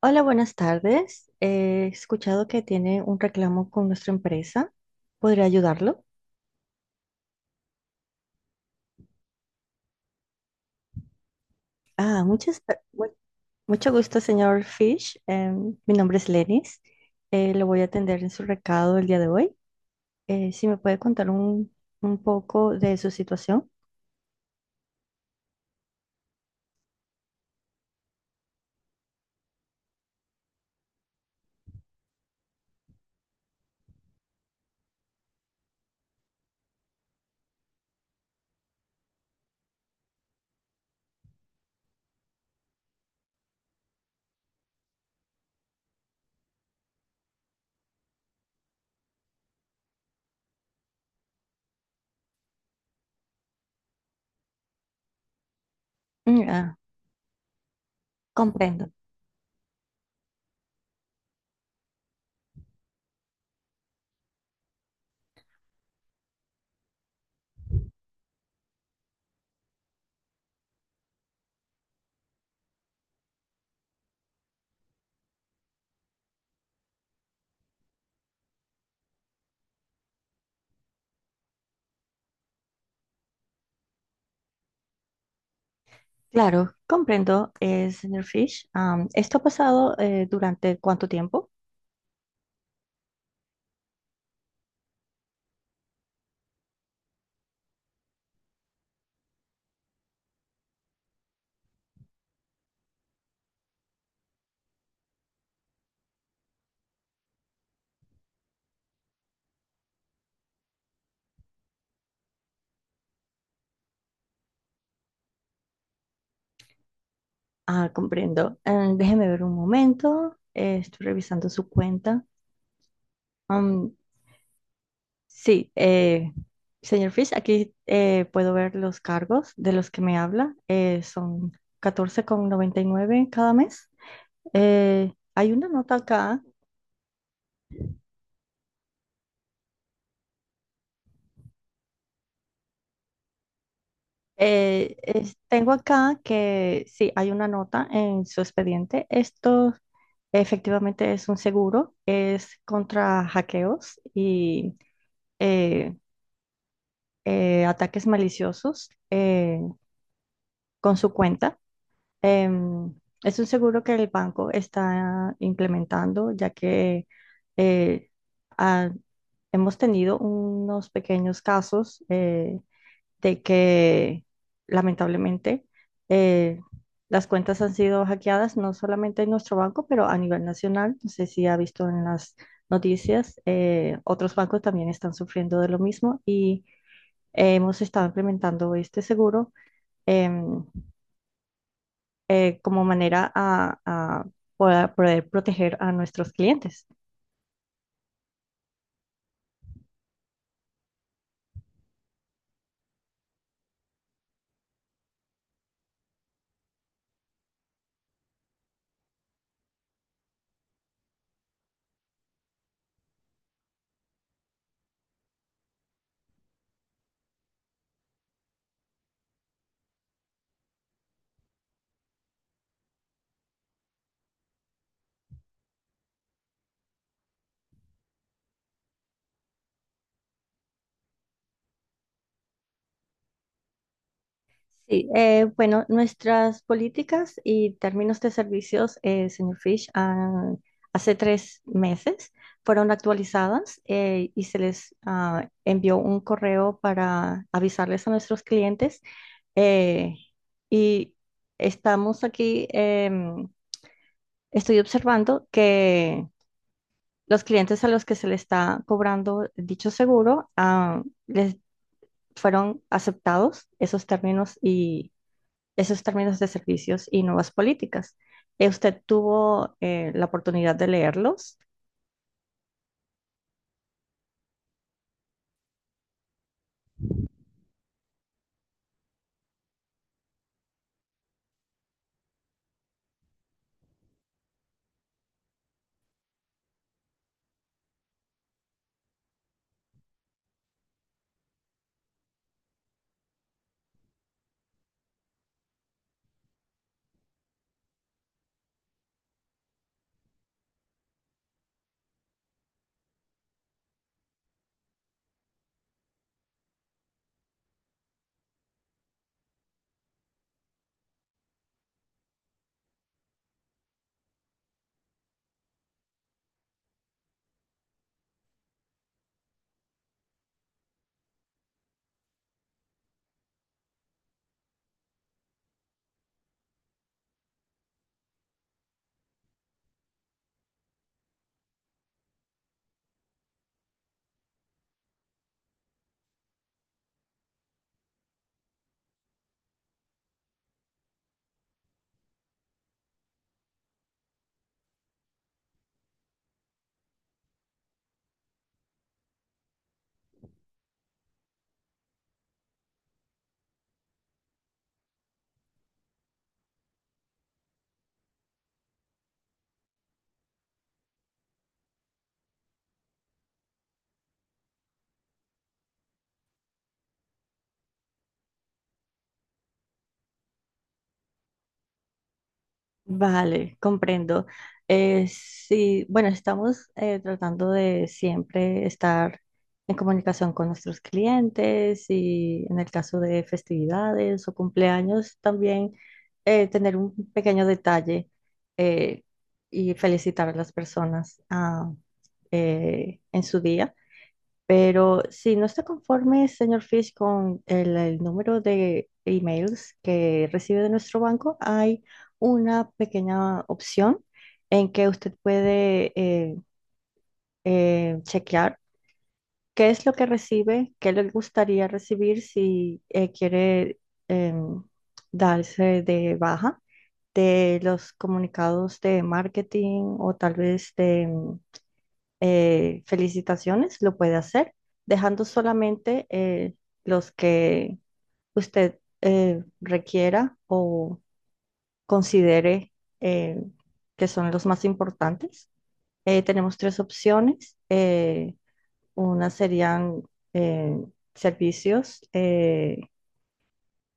Hola, buenas tardes. He escuchado que tiene un reclamo con nuestra empresa. ¿Podría ayudarlo? Ah, muchas, per- mu- Mucho gusto, señor Fish. Mi nombre es Lenis. Lo voy a atender en su recado el día de hoy. Si me puede contar un poco de su situación. Mm, ah, Comprendo. Claro, comprendo, señor Fish. ¿Esto ha pasado durante cuánto tiempo? Ah, comprendo. Déjeme ver un momento. Estoy revisando su cuenta. Sí, señor Fish, aquí puedo ver los cargos de los que me habla. Son 14.99 cada mes. Hay una nota acá. Tengo acá que sí, hay una nota en su expediente. Esto efectivamente es un seguro, es contra hackeos y eh, ataques maliciosos con su cuenta. Em, es un seguro que el banco está implementando, ya que eh, ha- hemos tenido unos pequeños casos de que lamentablemente eh, las cuentas han sido hackeadas, no solamente en nuestro banco, pero a nivel nacional. No sé si ha visto en las noticias, otros bancos también están sufriendo de lo mismo y hemos estado implementando este seguro. em, Como manera a poder proteger a nuestros clientes. Sí, bueno, nuestras políticas y términos de servicios, señor Fish, hace 3 meses fueron actualizadas y se les envió un correo para avisarles a nuestros clientes. eh, y estamos aquí, em, estoy observando que los clientes a los que se le está cobrando dicho seguro, les fueron aceptados esos términos y esos términos de servicios y nuevas políticas. ¿Usted tuvo la oportunidad de leerlos? Vale, comprendo. Sí, bueno, estamos tratando de siempre estar en comunicación con nuestros clientes y en el caso de festividades o cumpleaños también tener un pequeño detalle eh, y felicitar a las personas en su día. Pero si no está conforme, señor Fish, con el número de emails que recibe de nuestro banco, hay una pequeña opción en que usted puede chequear qué es lo que recibe, qué le gustaría recibir si quiere em, darse de baja de los comunicados de marketing o tal vez de felicitaciones, lo puede hacer, dejando solamente los que usted requiera o considere eh, que son los más importantes. Tenemos tres opciones. Unas serían eh, servicios,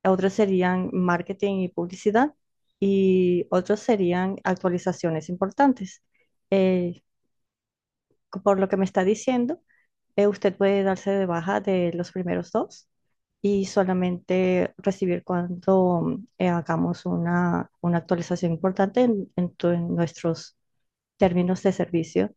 otras serían marketing y publicidad y otros serían actualizaciones importantes. Eh, por lo que me está diciendo, usted puede darse de baja de los primeros dos y solamente recibir cuando hagamos una actualización importante en, en nuestros términos de servicio.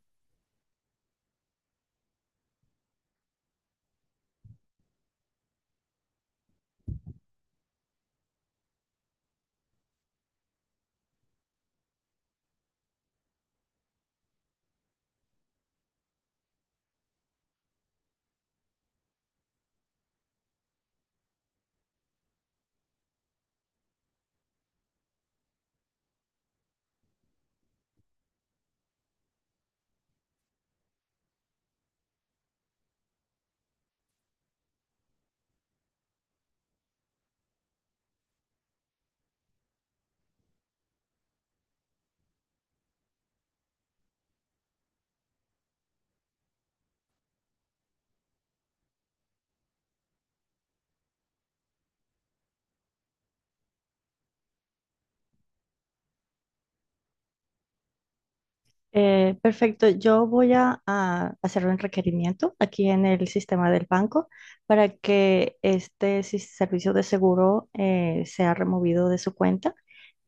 Perfecto, yo voy a hacer un requerimiento aquí en el sistema del banco para que servicio de seguro sea removido de su cuenta.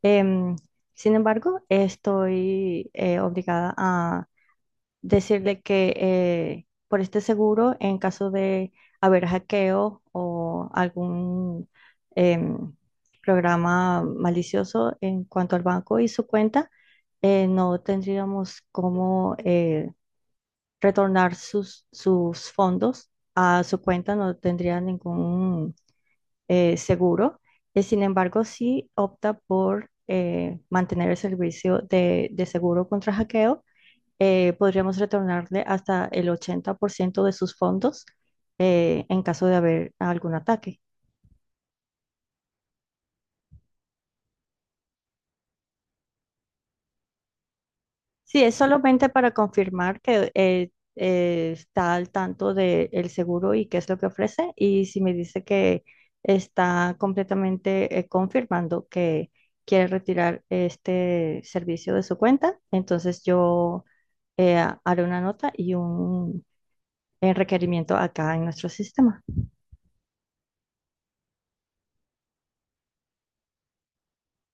Em, Sin embargo, estoy obligada a decirle que por este seguro, en caso de haber hackeo o algún em, programa malicioso en cuanto al banco y su cuenta, no tendríamos cómo retornar sus fondos a su cuenta, no tendría ningún seguro. Sin embargo, sí opta por mantener el servicio de seguro contra hackeo podríamos retornarle hasta el 80% de sus fondos en caso de haber algún ataque. Sí, es solamente para confirmar que está al tanto del seguro y qué es lo que ofrece. Y si me dice que está completamente confirmando que quiere retirar este servicio de su cuenta, entonces yo eh, haré una nota y un requerimiento acá en nuestro sistema.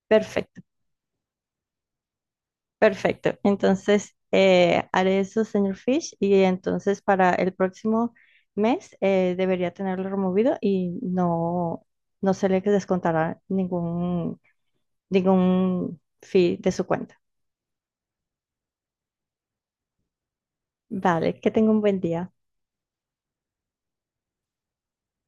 Perfecto. Perfecto. Entonces, haré eso, señor Fish, y entonces para el próximo mes debería tenerlo removido y no se le descontará ningún fee de su cuenta. Vale, que tenga un buen día.